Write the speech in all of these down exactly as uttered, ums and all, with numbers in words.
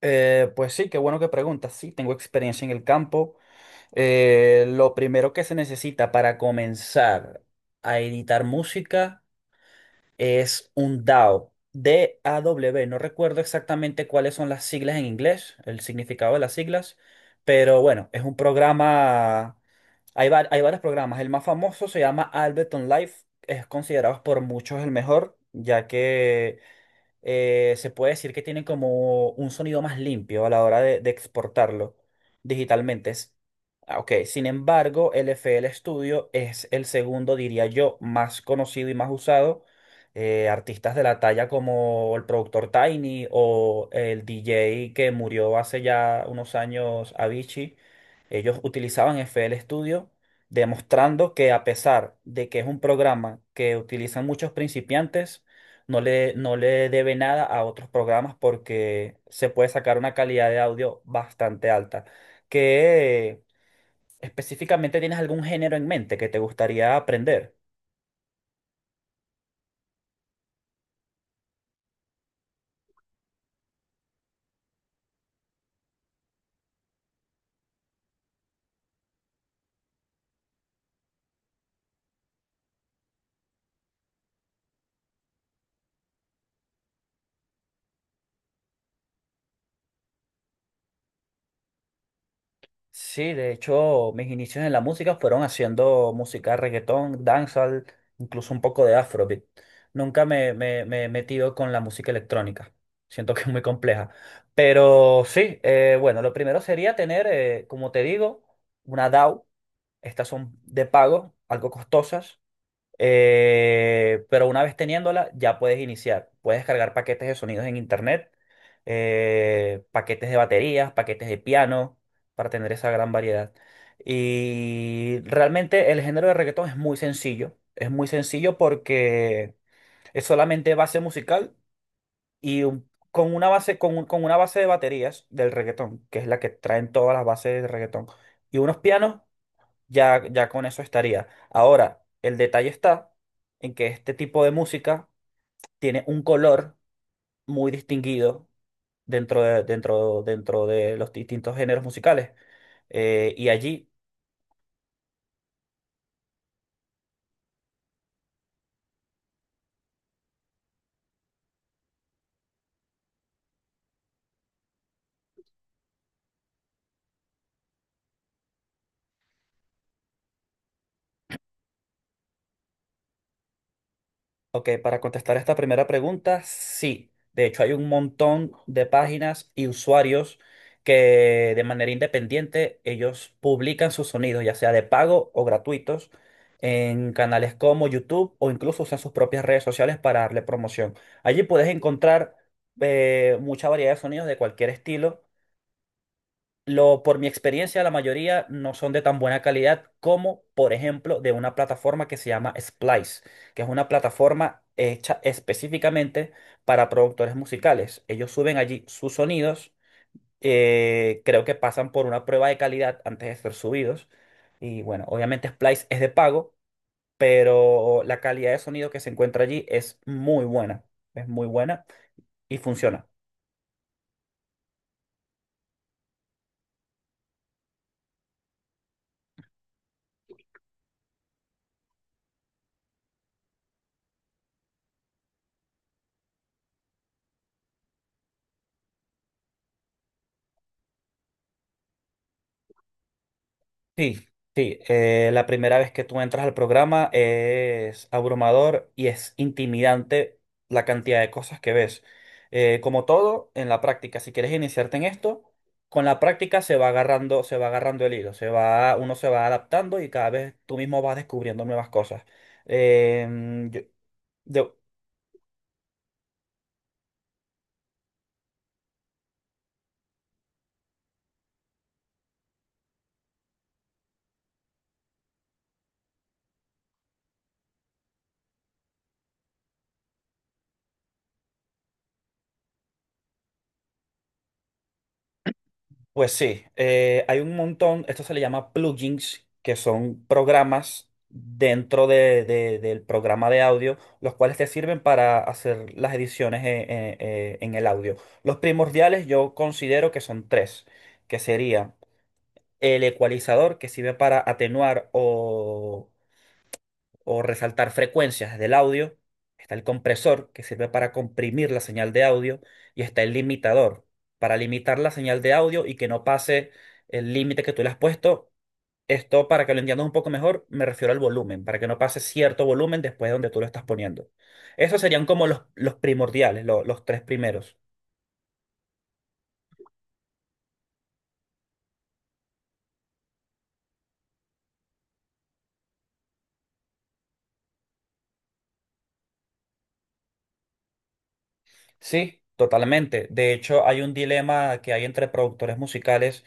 Eh, pues sí, qué bueno que preguntas. Sí, tengo experiencia en el campo. Eh, lo primero que se necesita para comenzar a editar música es un D A W, D-A-W. No recuerdo exactamente cuáles son las siglas en inglés, el significado de las siglas, pero bueno, es un programa. Hay, va- hay varios programas. El más famoso se llama Ableton Live. Es considerado por muchos el mejor, ya que eh, se puede decir que tienen como un sonido más limpio a la hora de, de exportarlo digitalmente. Es- ah, Ok, sin embargo, el F L Studio es el segundo, diría yo, más conocido y más usado. Eh, artistas de la talla como el productor Tiny o el D J que murió hace ya unos años, Avicii, ellos utilizaban F L Studio, demostrando que a pesar de que es un programa que utilizan muchos principiantes, no le, no le debe nada a otros programas porque se puede sacar una calidad de audio bastante alta. ¿Que específicamente tienes algún género en mente que te gustaría aprender? Sí, de hecho, mis inicios en la música fueron haciendo música reggaetón, dancehall, incluso un poco de afrobeat. Nunca me, me, me he metido con la música electrónica. Siento que es muy compleja. Pero sí, eh, bueno, lo primero sería tener, eh, como te digo, una D A W. Estas son de pago, algo costosas, eh, pero una vez teniéndola ya puedes iniciar. Puedes cargar paquetes de sonidos en internet, eh, paquetes de baterías, paquetes de piano, para tener esa gran variedad. Y realmente el género de reggaetón es muy sencillo. Es muy sencillo porque es solamente base musical y un- con una base, con, un- con una base de baterías del reggaetón, que es la que traen todas las bases de reggaetón, y unos pianos ya, ya con eso estaría. Ahora, el detalle está en que este tipo de música tiene un color muy distinguido dentro de, dentro, dentro de los distintos géneros musicales. Eh, y allí Ok, para contestar esta primera pregunta, sí. De hecho, hay un montón de páginas y usuarios que de manera independiente ellos publican sus sonidos, ya sea de pago o gratuitos, en canales como YouTube o incluso usan sus propias redes sociales para darle promoción. Allí puedes encontrar eh, mucha variedad de sonidos de cualquier estilo. Lo, por mi experiencia, la mayoría no son de tan buena calidad como, por ejemplo, de una plataforma que se llama Splice, que es una plataforma hecha específicamente para productores musicales. Ellos suben allí sus sonidos. Eh, creo que pasan por una prueba de calidad antes de ser subidos. Y bueno, obviamente Splice es de pago, pero la calidad de sonido que se encuentra allí es muy buena, es muy buena y funciona. Sí, sí. Eh, la primera vez que tú entras al programa es abrumador y es intimidante la cantidad de cosas que ves. Eh, como todo, en la práctica, si quieres iniciarte en esto, con la práctica se va agarrando, se va agarrando el hilo, se va, uno se va adaptando y cada vez tú mismo vas descubriendo nuevas cosas. Eh, yo- yo- Pues sí, eh, hay un montón, esto se le llama plugins, que son programas dentro de- de- del programa de audio, los cuales te sirven para hacer las ediciones en, en- eh, en el audio. Los primordiales yo considero que son tres, que sería el ecualizador, que sirve para atenuar o o resaltar frecuencias del audio. Está el compresor que sirve para comprimir la señal de audio y está el limitador para limitar la señal de audio y que no pase el límite que tú le has puesto. Esto, para que lo entiendas un poco mejor, me refiero al volumen, para que no pase cierto volumen después de donde tú lo estás poniendo. Esos serían como los, los primordiales, lo- los tres primeros. Sí, totalmente. De hecho, hay un dilema que hay entre productores musicales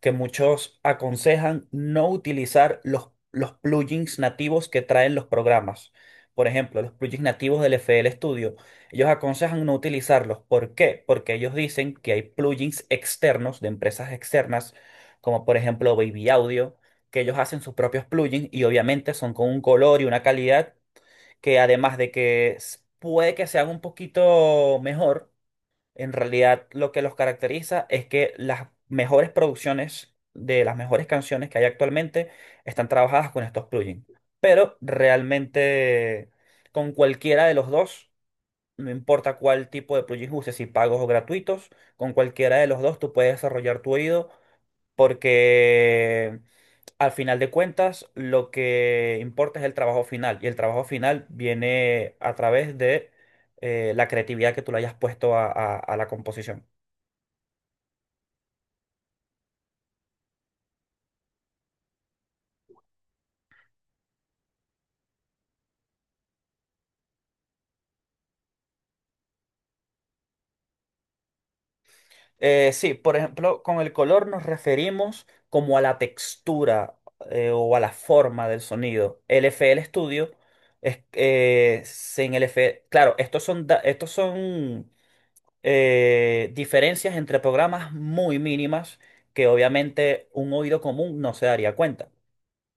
que muchos aconsejan no utilizar los, los plugins nativos que traen los programas. Por ejemplo, los plugins nativos del F L Studio. Ellos aconsejan no utilizarlos. ¿Por qué? Porque ellos dicen que hay plugins externos de empresas externas, como por ejemplo Baby Audio, que ellos hacen sus propios plugins y obviamente son con un color y una calidad que además de que s- puede que sean un poquito mejor, en realidad lo que los caracteriza es que las mejores producciones de las mejores canciones que hay actualmente están trabajadas con estos plugins. Pero realmente con cualquiera de los dos, no importa cuál tipo de plugins uses, si pagos o gratuitos, con cualquiera de los dos tú puedes desarrollar tu oído porque al final de cuentas, lo que importa es el trabajo final y el trabajo final viene a través de eh, la creatividad que tú le hayas puesto a, a- a la composición. Eh, sí, por ejemplo, con el color nos referimos como a la textura, eh, o a la forma del sonido. El F L Studio es eh, se- en el F L, claro, estos son da- estos son eh, diferencias entre programas muy mínimas que obviamente un oído común no se daría cuenta.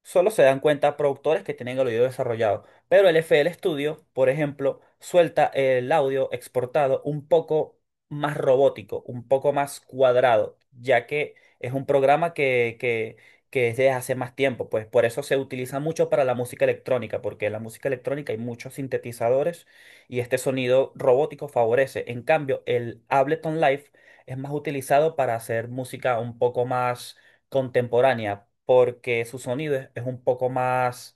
Solo se dan cuenta productores que tienen el oído desarrollado, pero el F FL Studio, por ejemplo, suelta el audio exportado un poco más robótico, un poco más cuadrado, ya que es un programa que, que, que es desde hace más tiempo, pues por eso se utiliza mucho para la música electrónica, porque en la música electrónica hay muchos sintetizadores y este sonido robótico favorece. En cambio, el Ableton Live es más utilizado para hacer música un poco más contemporánea, porque su sonido es, es un poco más,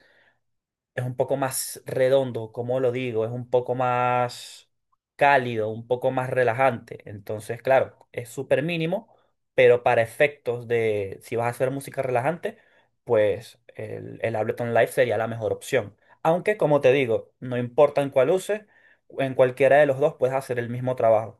es un poco más redondo, como lo digo, es un poco más cálido, un poco más relajante. Entonces, claro, es súper mínimo, pero para efectos de si vas a hacer música relajante, pues el, el Ableton Live sería la mejor opción. Aunque, como te digo, no importa en cuál uses, en cualquiera de los dos puedes hacer el mismo trabajo.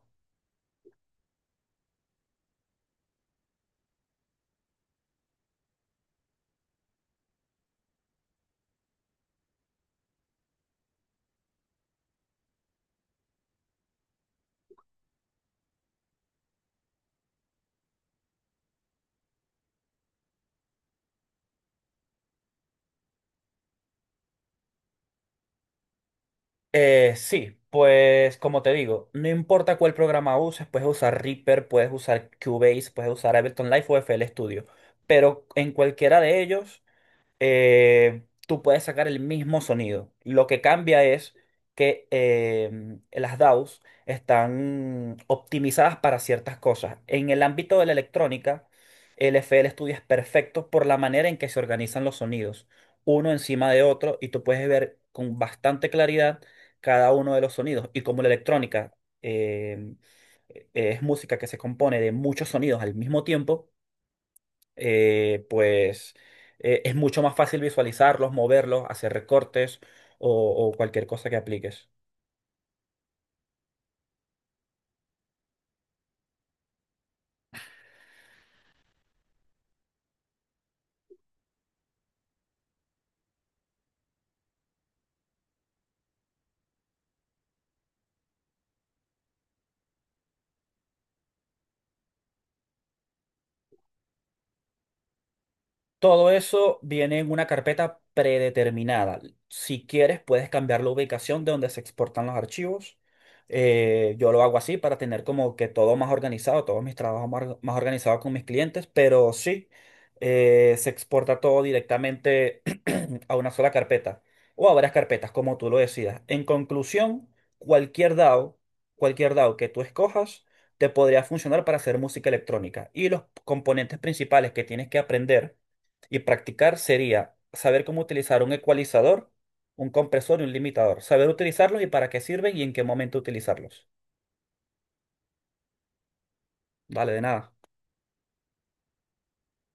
Eh, sí, pues como te digo, no importa cuál programa uses, puedes usar Reaper, puedes usar Cubase, puedes usar Ableton Live o F L Studio, pero en cualquiera de ellos eh, tú puedes sacar el mismo sonido. Lo que cambia es que em, las D A Ws están optimizadas para ciertas cosas. En el ámbito de la electrónica, el F L Studio es perfecto por la manera en que se organizan los sonidos, uno encima de otro, y tú puedes ver con bastante claridad cada uno de los sonidos. Y como la electrónica em, e-, es música que se compone de muchos sonidos al mismo tiempo, eh, pues eh, es mucho más fácil visualizarlos, moverlos, hacer recortes o, o cualquier cosa que apliques. Todo eso viene en una carpeta predeterminada. Si quieres, puedes cambiar la ubicación de donde se exportan los archivos. Eh, yo lo hago así para tener como que todo más organizado, todos mis trabajos más, or- más organizados con mis clientes, pero sí, eh, se exporta todo directamente a una sola carpeta o a varias carpetas, como tú lo decidas. En conclusión, cualquier D A W, cualquier D A W que tú escojas, te podría funcionar para hacer música electrónica. Y los componentes principales que tienes que aprender y practicar sería saber cómo utilizar un ecualizador, un compresor y un limitador, saber utilizarlos y para qué sirven y en qué momento utilizarlos. Vale, de nada.